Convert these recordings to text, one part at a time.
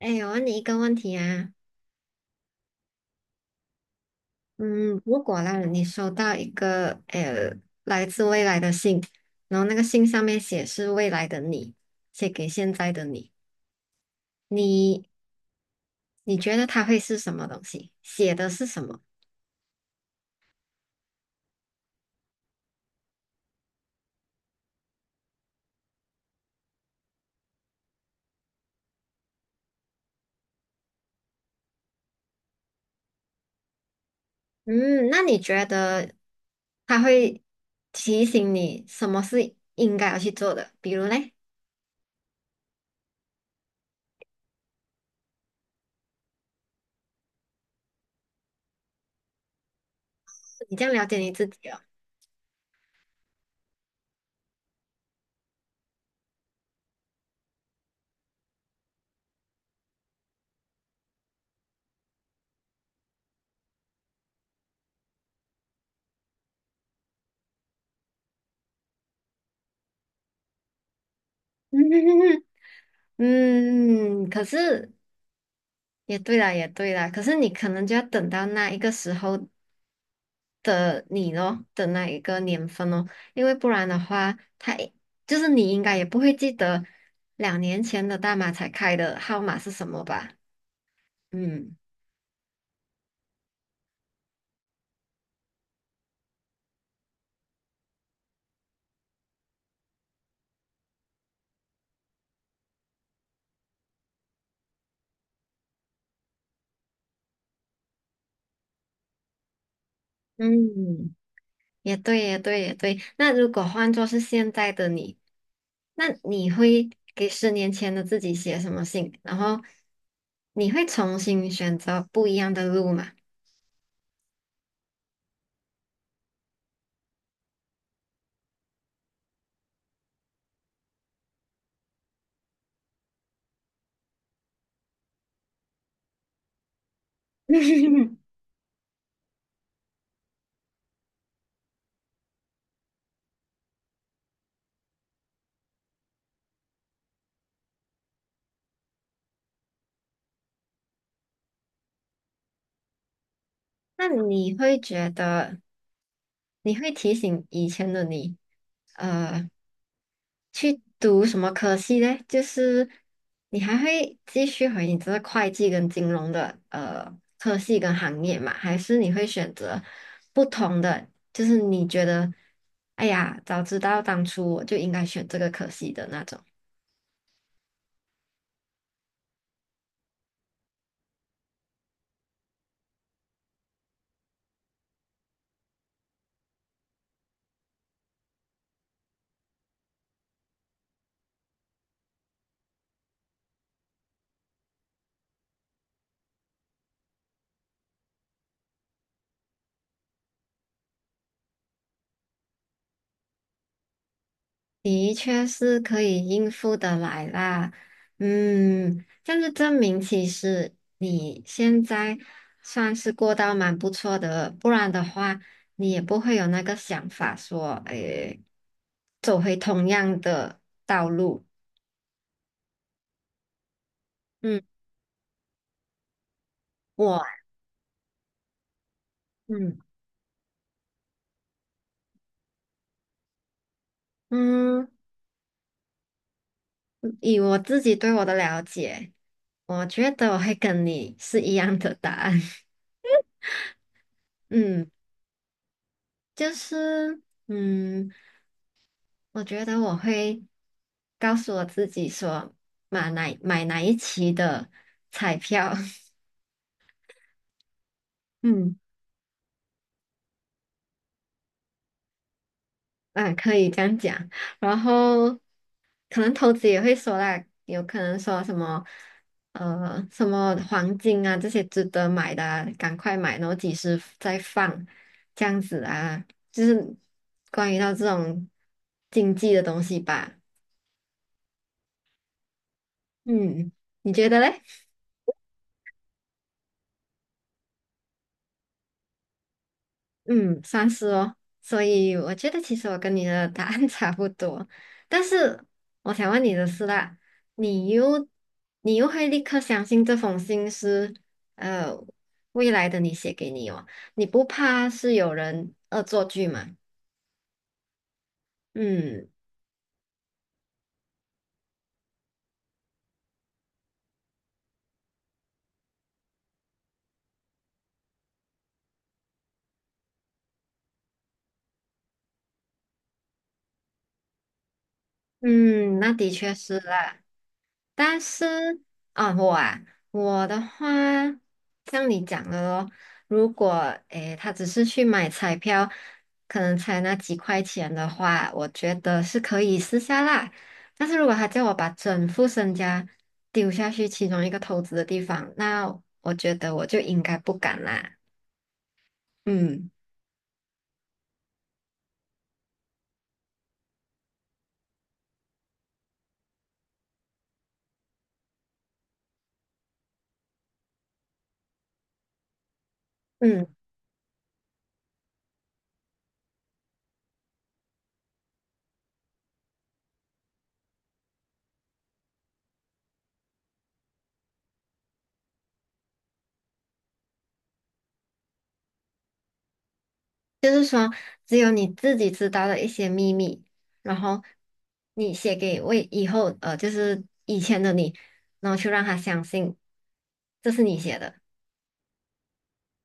哎，我问你一个问题啊，嗯，如果啦，你收到一个来自未来的信，然后那个信上面写是未来的你，写给现在的你，你你觉得它会是什么东西？写的是什么？嗯，那你觉得它会提醒你什么是应该要去做的？比如嘞，你这样了解你自己哦。嗯，可是也对啦，也对啦，可是你可能就要等到那一个时候，的你咯的那一个年份哦，因为不然的话，他就是你应该也不会记得2年前的大马才开的号码是什么吧？嗯嗯，也对，也对，也对。那如果换作是现在的你，那你会给10年前的自己写什么信？然后你会重新选择不一样的路吗？那你会觉得，你会提醒以前的你？呃。去读什么科系嘞？就是你还会继续回你这个会计跟金融的科系跟行业嘛？还是你会选择不同的？就是你觉得，哎呀，早知道当初我就应该选这个科系的那种。的确是可以应付得来啦，嗯，这样就证明其实你现在算是过到蛮不错的，不然的话你也不会有那个想法说，诶，走回同样的道路。嗯，我，嗯嗯，以我自己对我的了解，我觉得我会跟你是一样的答案。嗯，就是，嗯。我觉得我会告诉我自己说，买哪一期的彩票，嗯，啊，可以这样讲。然后可能投资也会说啦，有可能说什么，什么黄金啊这些值得买的啊赶快买，然后几时再放，这样子啊，就是关于到这种经济的东西吧。嗯，你觉得嘞？嗯，算是哦。所以我觉得其实我跟你的答案 差不多，但是我想问你的是啦，你又你会立刻相信这封信是呃未来的你写给你哦？你不怕是有人恶作剧吗？嗯嗯，那的确是啦。但是啊，我啊，我的话，像你讲的咯，如果诶，他只是去买彩票，可能才那几块钱的话，我觉得是可以试下啦。但是如果他叫我把整副身家丢下去其中一个投资的地方，那我觉得我就应该不敢啦。嗯。嗯。就是说，只有你自己知道的一些秘密，然后你写给为以后就是以前的你，然后去让他相信这是你写的。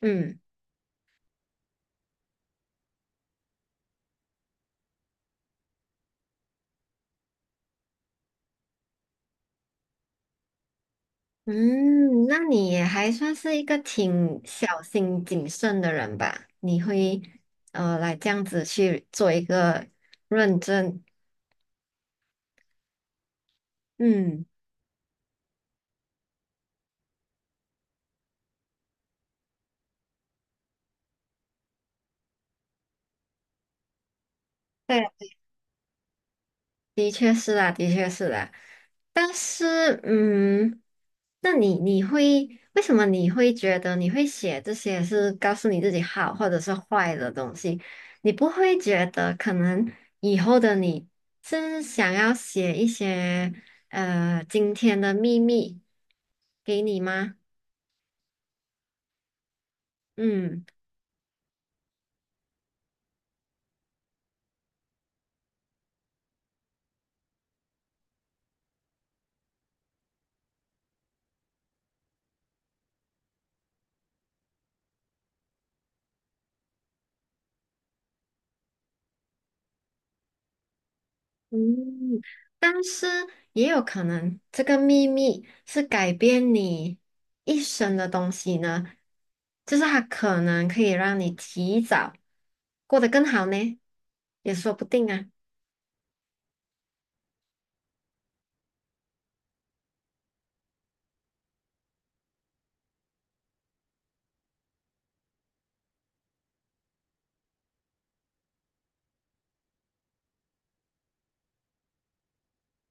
嗯嗯，那你也还算是一个挺小心谨慎的人吧？你会来这样子去做一个认证？嗯，对。的确是啦，的确是啦。但是，嗯，那你会为什么你会觉得你会写这些是告诉你自己好或者是坏的东西？你不会觉得可能以后的你是想要写一些今天的秘密给你吗？嗯。嗯，但是也有可能这个秘密是改变你一生的东西呢，就是它可能可以让你提早过得更好呢，也说不定啊。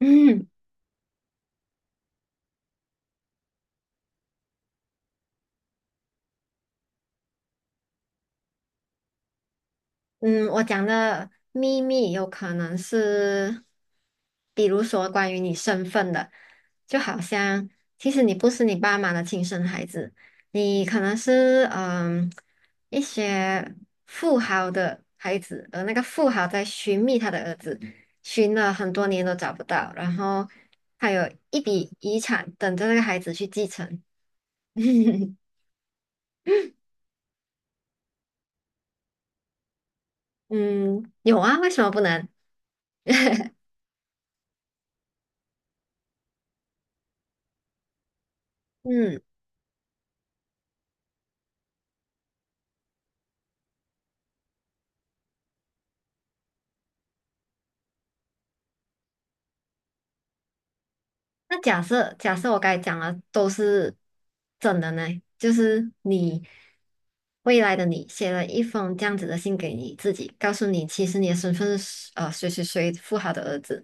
嗯。嗯，我讲的秘密有可能是，比如说关于你身份的，就好像其实你不是你爸妈的亲生孩子，你可能是嗯一些富豪的孩子，而那个富豪在寻觅他的儿子，寻了很多年都找不到，然后还有一笔遗产等着那个孩子去继承。嗯，有啊，为什么不能？嗯。那假设我刚才讲的都是真的呢，就是你未来的你写了一封这样子的信给你自己，告诉你其实你的身份是谁谁谁富豪的儿子。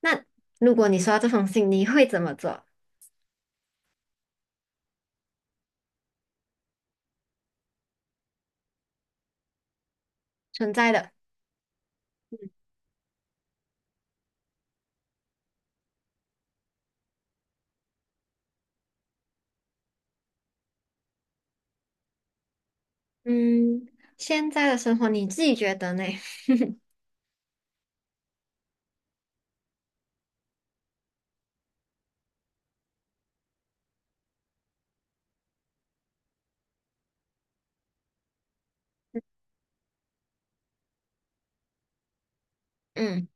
那如果你收到这封信，你会怎么做？存在的，嗯，现在的生活你自己觉得呢？嗯，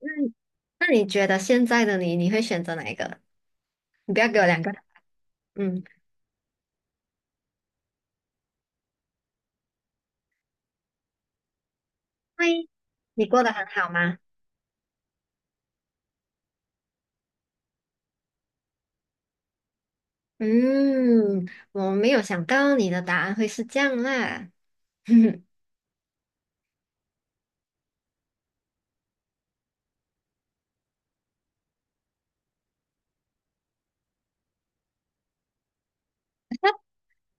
那那你觉得现在的你，你会选择哪一个？你不要给我两个，嗯，会，你过得很好吗？嗯，我没有想到你的答案会是这样啦。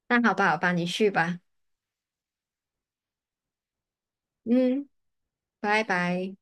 那好吧，好吧，你去吧。嗯，拜拜。